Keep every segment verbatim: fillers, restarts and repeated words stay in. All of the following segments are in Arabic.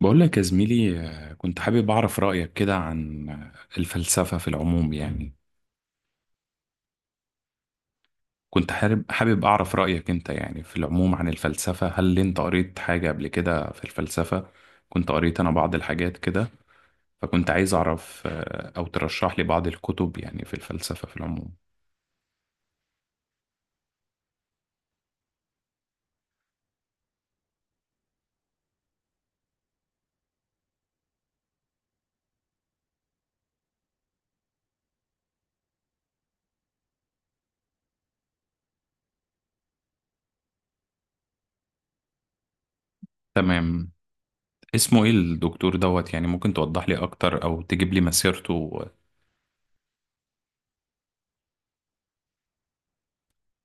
بقول لك يا زميلي، آه، كنت حابب أعرف رأيك كده عن آه، الفلسفة في العموم يعني. كنت حابب حابب أعرف رأيك أنت يعني في العموم عن الفلسفة. هل أنت قريت حاجة قبل كده في الفلسفة؟ كنت قريت أنا بعض الحاجات كده، فكنت عايز أعرف، آه، أو ترشح لي بعض الكتب يعني في الفلسفة في العموم. تمام. اسمه إيه الدكتور دوت؟ يعني ممكن توضح لي أكتر أو تجيب لي مسيرته؟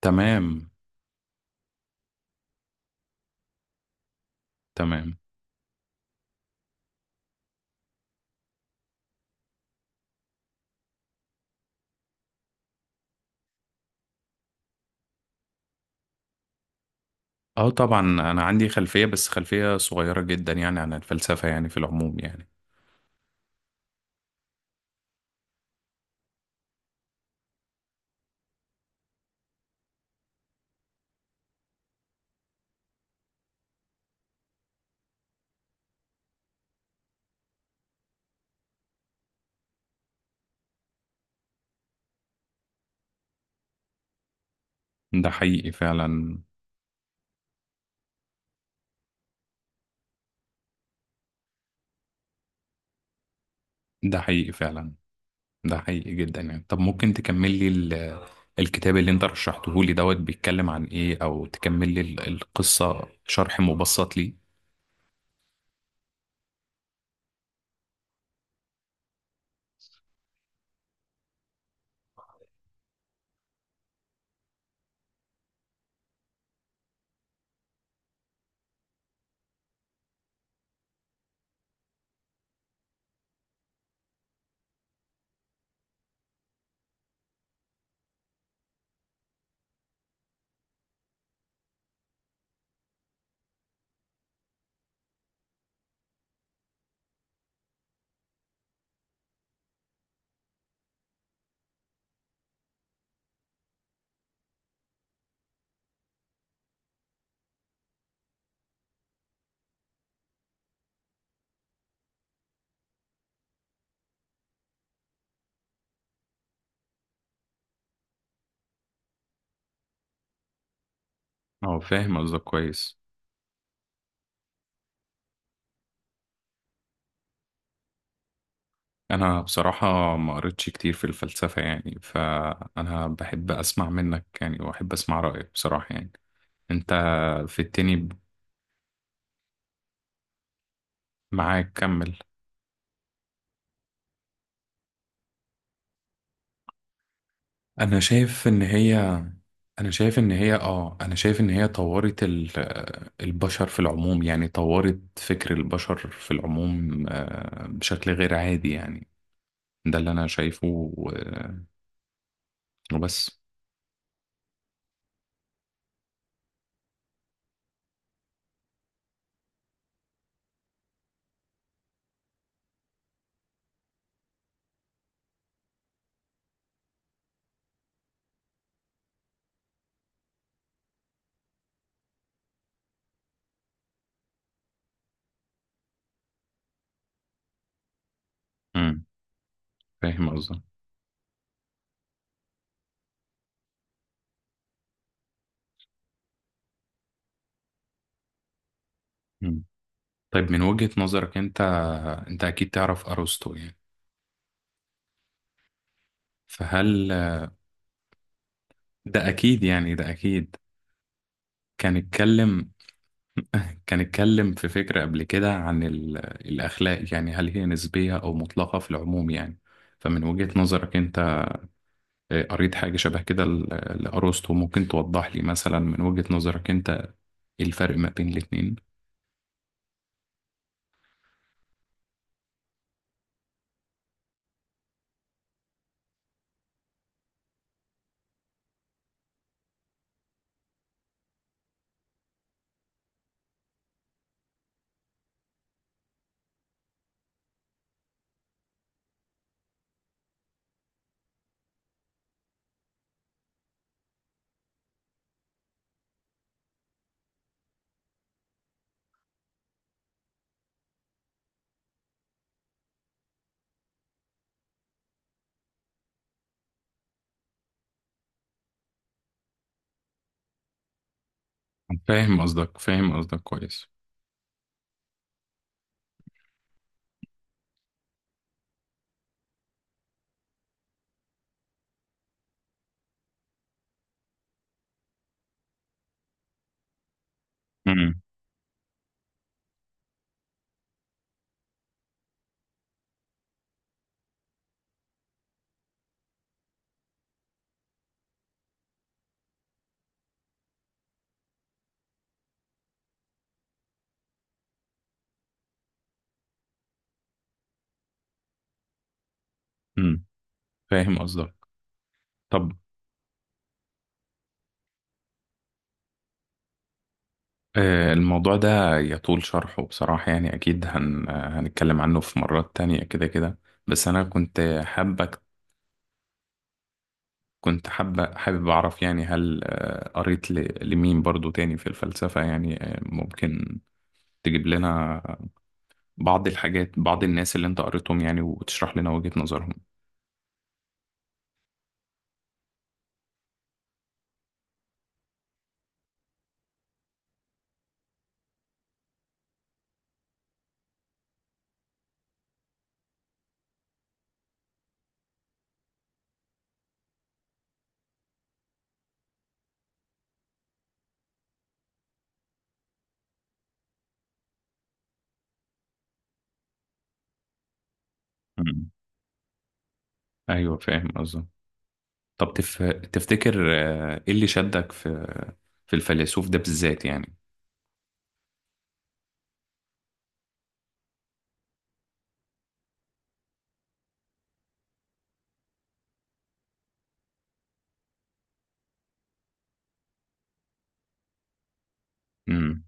تمام، تمام. اه، طبعا. انا عندي خلفية، بس خلفية صغيرة جدا يعني عن الفلسفة يعني في العموم يعني. ده حقيقي فعلا. ده حقيقي فعلا. ده حقيقي جدا يعني. طب ممكن تكمل لي ال- الكتاب اللي انت رشحته لي دوت بيتكلم عن ايه، او تكمل لي ال- القصة، شرح مبسط ليه؟ اه، فاهم قصدك كويس. انا بصراحة ما قريتش كتير في الفلسفة يعني، فانا بحب اسمع منك يعني، واحب اسمع رأيك بصراحة يعني. انت في التاني، معاك، كمل. انا شايف ان هي انا شايف ان هي اه انا شايف ان هي طورت ال- البشر في العموم يعني، طورت فكر البشر في العموم آه، بشكل غير عادي يعني. ده اللي انا شايفه و- وبس. امم فاهم قصدك. مم. طيب من وجهة نظرك انت انت اكيد تعرف ارسطو يعني. فهل ده اكيد يعني، ده اكيد. كان اتكلم كان اتكلم في فكرة قبل كده عن ال- الأخلاق، يعني هل هي نسبية أو مطلقة في العموم يعني؟ فمن وجهة نظرك أنت، آه، قريت حاجة شبه كده ل- لأرسطو. ممكن توضح لي مثلا من وجهة نظرك أنت إيه الفرق ما بين الاتنين؟ فاهم قصدك، فاهم قصدك كويس. امم امم فاهم قصدك. طب آه، الموضوع ده يطول شرحه بصراحة يعني، أكيد هن... آه، هنتكلم عنه في مرات تانية كده كده. بس أنا كنت حابك كنت حابة حابب أعرف يعني، هل آه، قريت ل- لمين برضو تاني في الفلسفة يعني؟ آه، ممكن تجيب لنا بعض الحاجات بعض الناس اللي أنت قريتهم يعني، وتشرح لنا وجهة نظرهم. مم. أيوة، فاهم قصدي. طب تف... تفتكر آه، إيه اللي شدك في في الفيلسوف ده بالذات يعني؟ مم.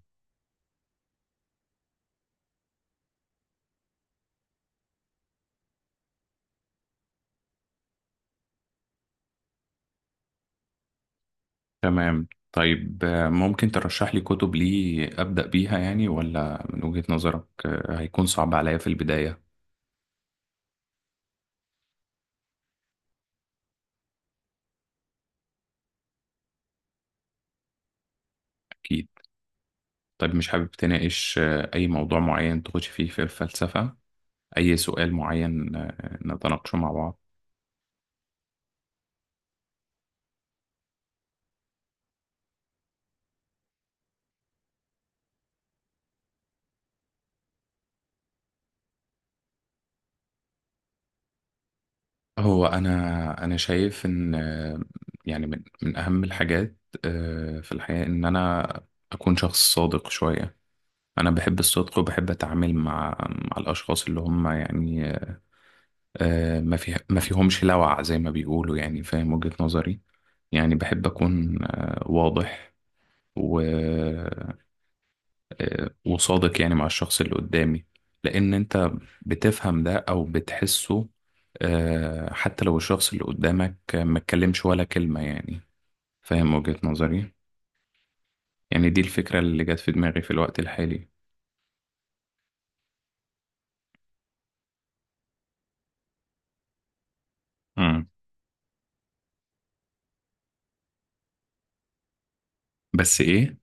تمام. طيب آه، ممكن ترشح لي كتب ليه أبدأ بيها يعني، ولا من وجهة نظرك آه، هيكون صعب عليا في البداية؟ أكيد. طيب مش حابب تناقش آه، أي موضوع معين تخش فيه في الفلسفة، أي سؤال معين آه، نتناقشه مع بعض؟ هو أنا أنا شايف إن آه، يعني من من أهم الحاجات آه، في الحياة إن أنا أكون شخص صادق شوية. أنا بحب الصدق وبحب أتعامل مع مع الأشخاص اللي هم يعني آه، ما في ما فيهمش لوع زي ما بيقولوا يعني، فاهم وجهة نظري؟ يعني بحب أكون آه، واضح و وصادق يعني مع الشخص اللي قدامي. لأن أنت بتفهم ده أو بتحسه، آه، حتى لو الشخص اللي قدامك ما اتكلمش ولا كلمة يعني، فاهم وجهة نظري؟ يعني دي الفكرة اللي جت في دماغي في الوقت الحالي. مم. بس إيه؟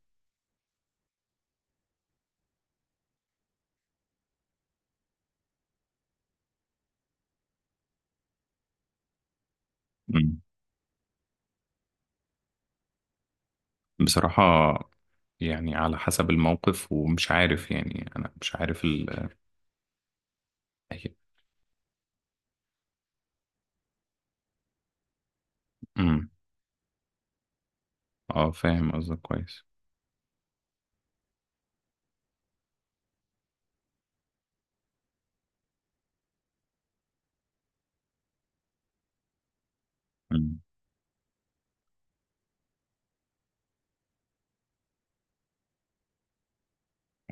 مم. بصراحة، يعني على حسب الموقف، ومش عارف يعني، أنا مش عارف ال أكيد. مم. اه، فاهم قصدك كويس. مم.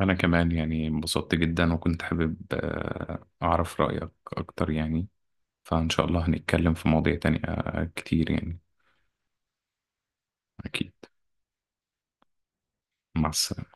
أنا كمان يعني انبسطت جدا، وكنت حابب آه، أعرف رأيك أكتر يعني. فإن شاء الله هنتكلم في مواضيع تانية آه، كتير يعني. أكيد. مع السلامة.